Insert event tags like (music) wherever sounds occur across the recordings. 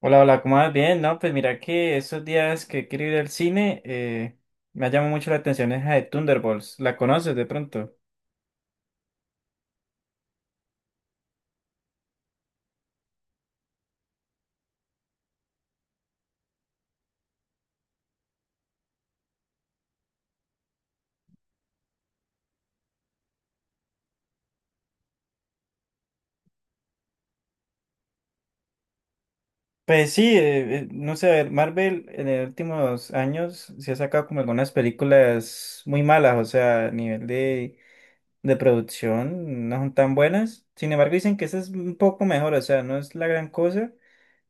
Hola, hola, ¿cómo vas? Bien, no, pues mira que esos días que quiero ir al cine, me ha llamado mucho la atención esa de Thunderbolts, ¿la conoces de pronto? Pues sí, no sé, a ver, Marvel en los últimos años se ha sacado como algunas películas muy malas, o sea, a nivel de producción no son tan buenas, sin embargo dicen que esa es un poco mejor, o sea, no es la gran cosa,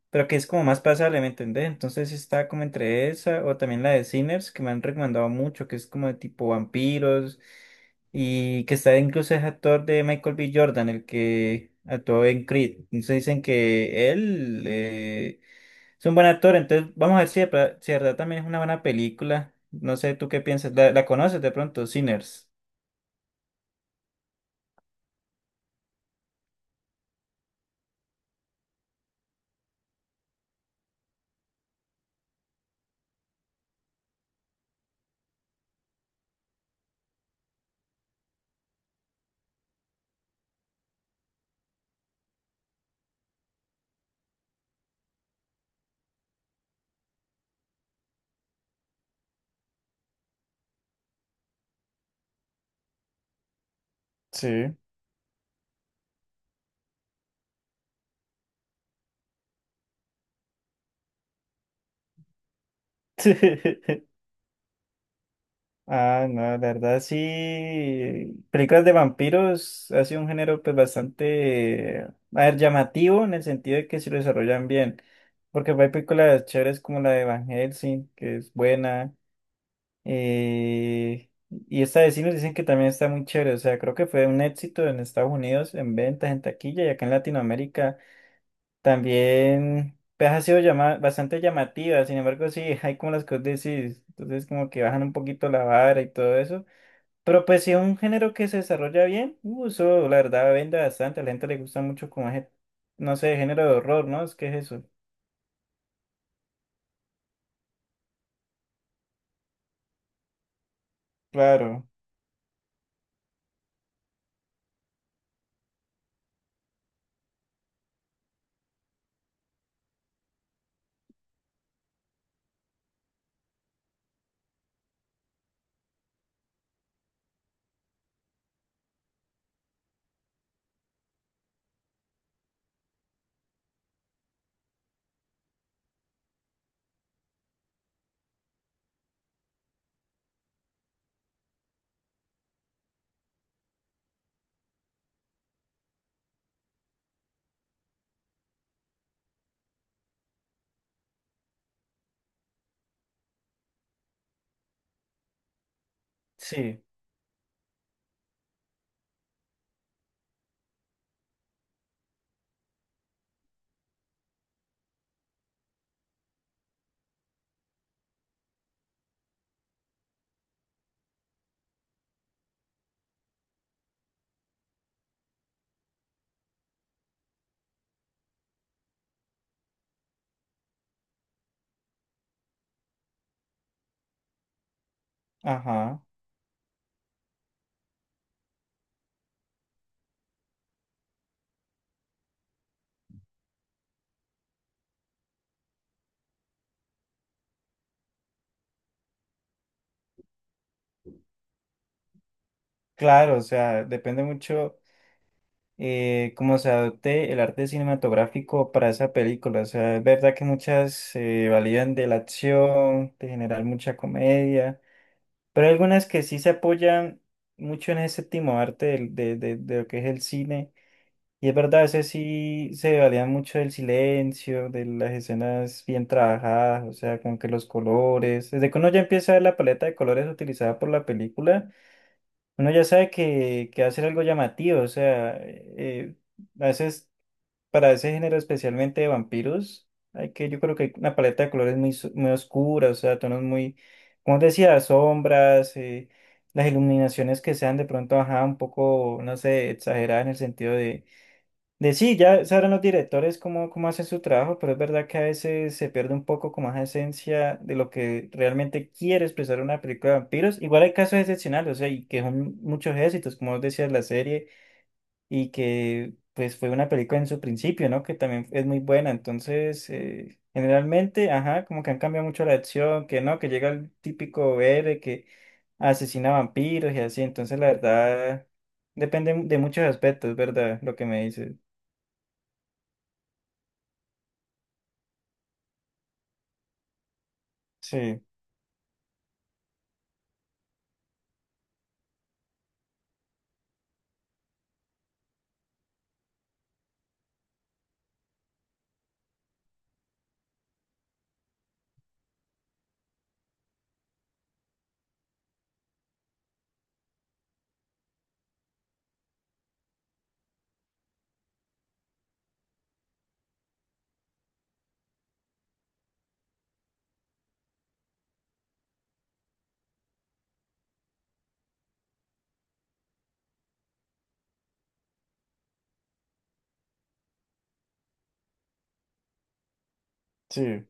pero que es como más pasable, ¿me entendés? Entonces está como entre esa o también la de Sinners, que me han recomendado mucho, que es como de tipo vampiros y que está incluso es actor de Michael B. Jordan, el que actuó en Creed. Entonces dicen que él es un buen actor, entonces vamos a ver si si de verdad también es una buena película. No sé, ¿tú qué piensas? ¿La conoces de pronto, Sinners? Sí. (laughs) Ah, no, la verdad sí. Películas de vampiros ha sido un género pues bastante, a ver, llamativo en el sentido de que se lo desarrollan bien. Porque hay películas chéveres como la de Van Helsing, que es buena. eh, y esta de sí nos dicen que también está muy chévere. O sea, creo que fue un éxito en Estados Unidos en ventas, en taquilla y acá en Latinoamérica también pues, ha sido bastante llamativa. Sin embargo, sí, (laughs) hay como las que vos decís. Entonces como que bajan un poquito la vara y todo eso. Pero pues si es un género que se desarrolla bien, eso la verdad vende bastante, a la gente le gusta mucho como ese, no sé, género de horror, ¿no? Es que es eso. Claro, sí, ajá, claro, o sea, depende mucho cómo se adopte el arte cinematográfico para esa película, o sea, es verdad que muchas se validan de la acción, de generar mucha comedia, pero hay algunas que sí se apoyan mucho en ese séptimo arte de lo que es el cine. Y es verdad, ese sí se valía mucho del silencio, de las escenas bien trabajadas, o sea, como que los colores. Desde que uno ya empieza a ver la paleta de colores utilizada por la película, uno ya sabe que va a ser algo llamativo, o sea, a veces, para ese género especialmente de vampiros, hay que, yo creo que hay una paleta de colores muy, muy oscura, o sea, tonos muy, como decía, sombras, las iluminaciones que sean de pronto, ajá, un poco, no sé, exageradas en el sentido de sí, ya sabrán los directores cómo, cómo hacen su trabajo, pero es verdad que a veces se pierde un poco como esa esencia de lo que realmente quiere expresar una película de vampiros. Igual hay casos excepcionales, o sea, y que son muchos éxitos, como vos decías, la serie, y que pues fue una película en su principio, ¿no? Que también es muy buena. Entonces, generalmente, ajá, como que han cambiado mucho la acción, que no, que llega el típico héroe que asesina vampiros y así. Entonces, la verdad, depende de muchos aspectos, ¿verdad? Lo que me dices. Sí. Sí,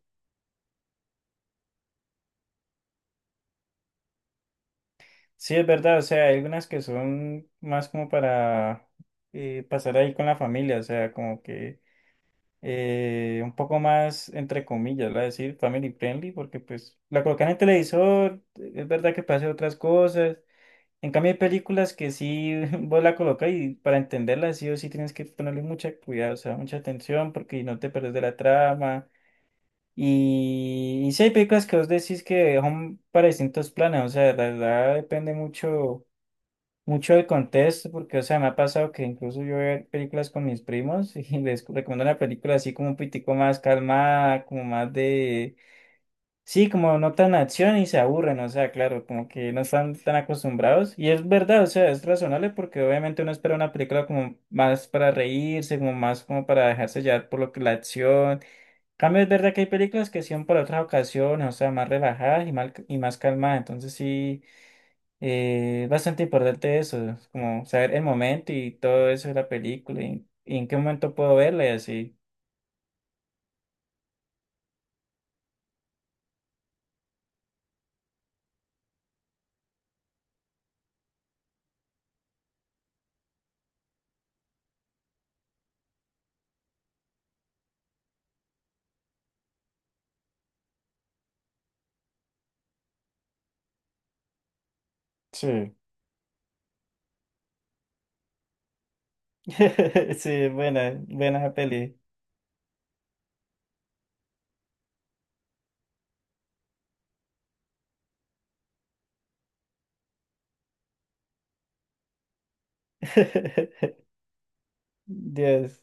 sí, es verdad, o sea, hay algunas que son más como para pasar ahí con la familia, o sea, como que un poco más, entre comillas, ¿verdad? Decir family friendly, porque pues la colocan en el televisor, es verdad que puede hacer otras cosas, en cambio hay películas que sí (laughs) vos la colocas y para entenderla sí o sí tienes que ponerle mucha cuidado, o sea, mucha atención, porque no te perdes de la trama. Y sí hay películas que vos decís que son para distintos planes, o sea, la verdad depende mucho el contexto, porque, o sea, me ha pasado que incluso yo veo películas con mis primos y (laughs) les recomiendo una película así como un pitico más calmada, como más de, sí, como no tan acción y se aburren, o sea, claro, como que no están tan acostumbrados. Y es verdad, o sea, es razonable porque obviamente uno espera una película como más para reírse, como más como para dejarse llevar por lo que la acción. En cambio, es verdad que hay películas que son para otras ocasiones, o sea, más relajadas y, mal, y más calmadas, entonces sí. Bastante importante eso, es como saber el momento y todo eso de la película y en qué momento puedo verla y así. Sí. (laughs) Sí, buena, buena esa peli. (laughs) Dios.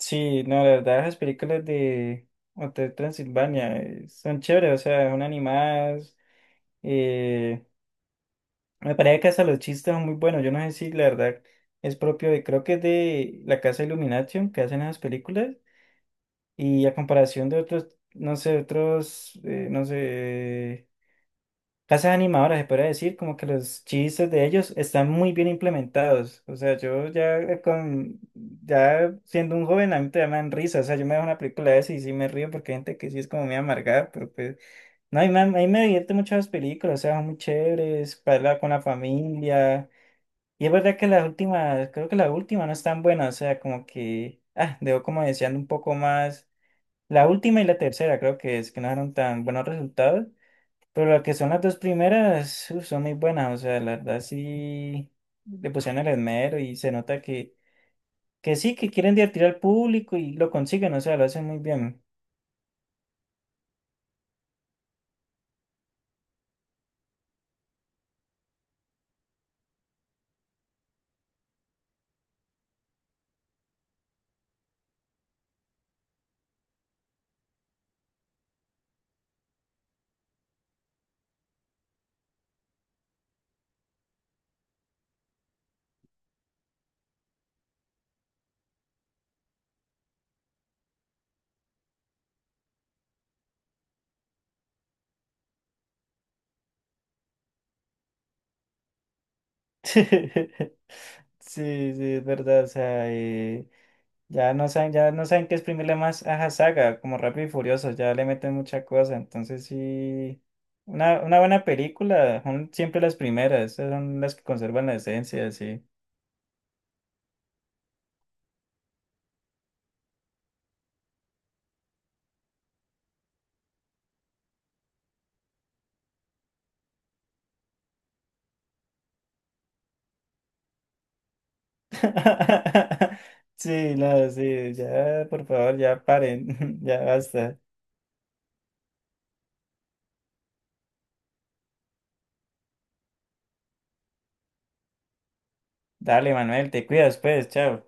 Sí, no, la verdad, las películas de Hotel Transilvania son chéveres, o sea, son animadas. eh, Me parece que hasta los chistes son muy buenos. Yo no sé si la verdad es propio de, creo que es de la Casa Illumination que hacen esas películas. Y a comparación de otros, no sé, casas animadoras, se podría decir, como que los chistes de ellos están muy bien implementados. O sea, yo ya con, ya siendo un joven, a mí te dan risa. O sea, yo me veo una película de esas y sí me río porque hay gente que sí es como muy amargada, pero pues, no, a mí me divierte mucho las películas, o sea, son muy chéveres, para hablar con la familia. Y es verdad que las últimas, creo que la última no es tan buena, o sea, como que, ah, debo como deseando un poco más la última y la tercera creo que es que no dieron tan buenos resultados, pero lo que son las dos primeras uf, son muy buenas, o sea, la verdad sí le pusieron el esmero y se nota que sí, que quieren divertir al público y lo consiguen, o sea, lo hacen muy bien. (laughs) Sí, sí, es verdad, o sea, ya no saben qué exprimirle más a la Saga, como Rápido y Furioso, ya le meten mucha cosa, entonces sí. Una buena película, son siempre las primeras, esas son las que conservan la esencia, sí. (laughs) Sí, no, sí, ya, por favor, ya paren, (laughs) ya basta. Dale, Manuel, te cuidas, pues, chao.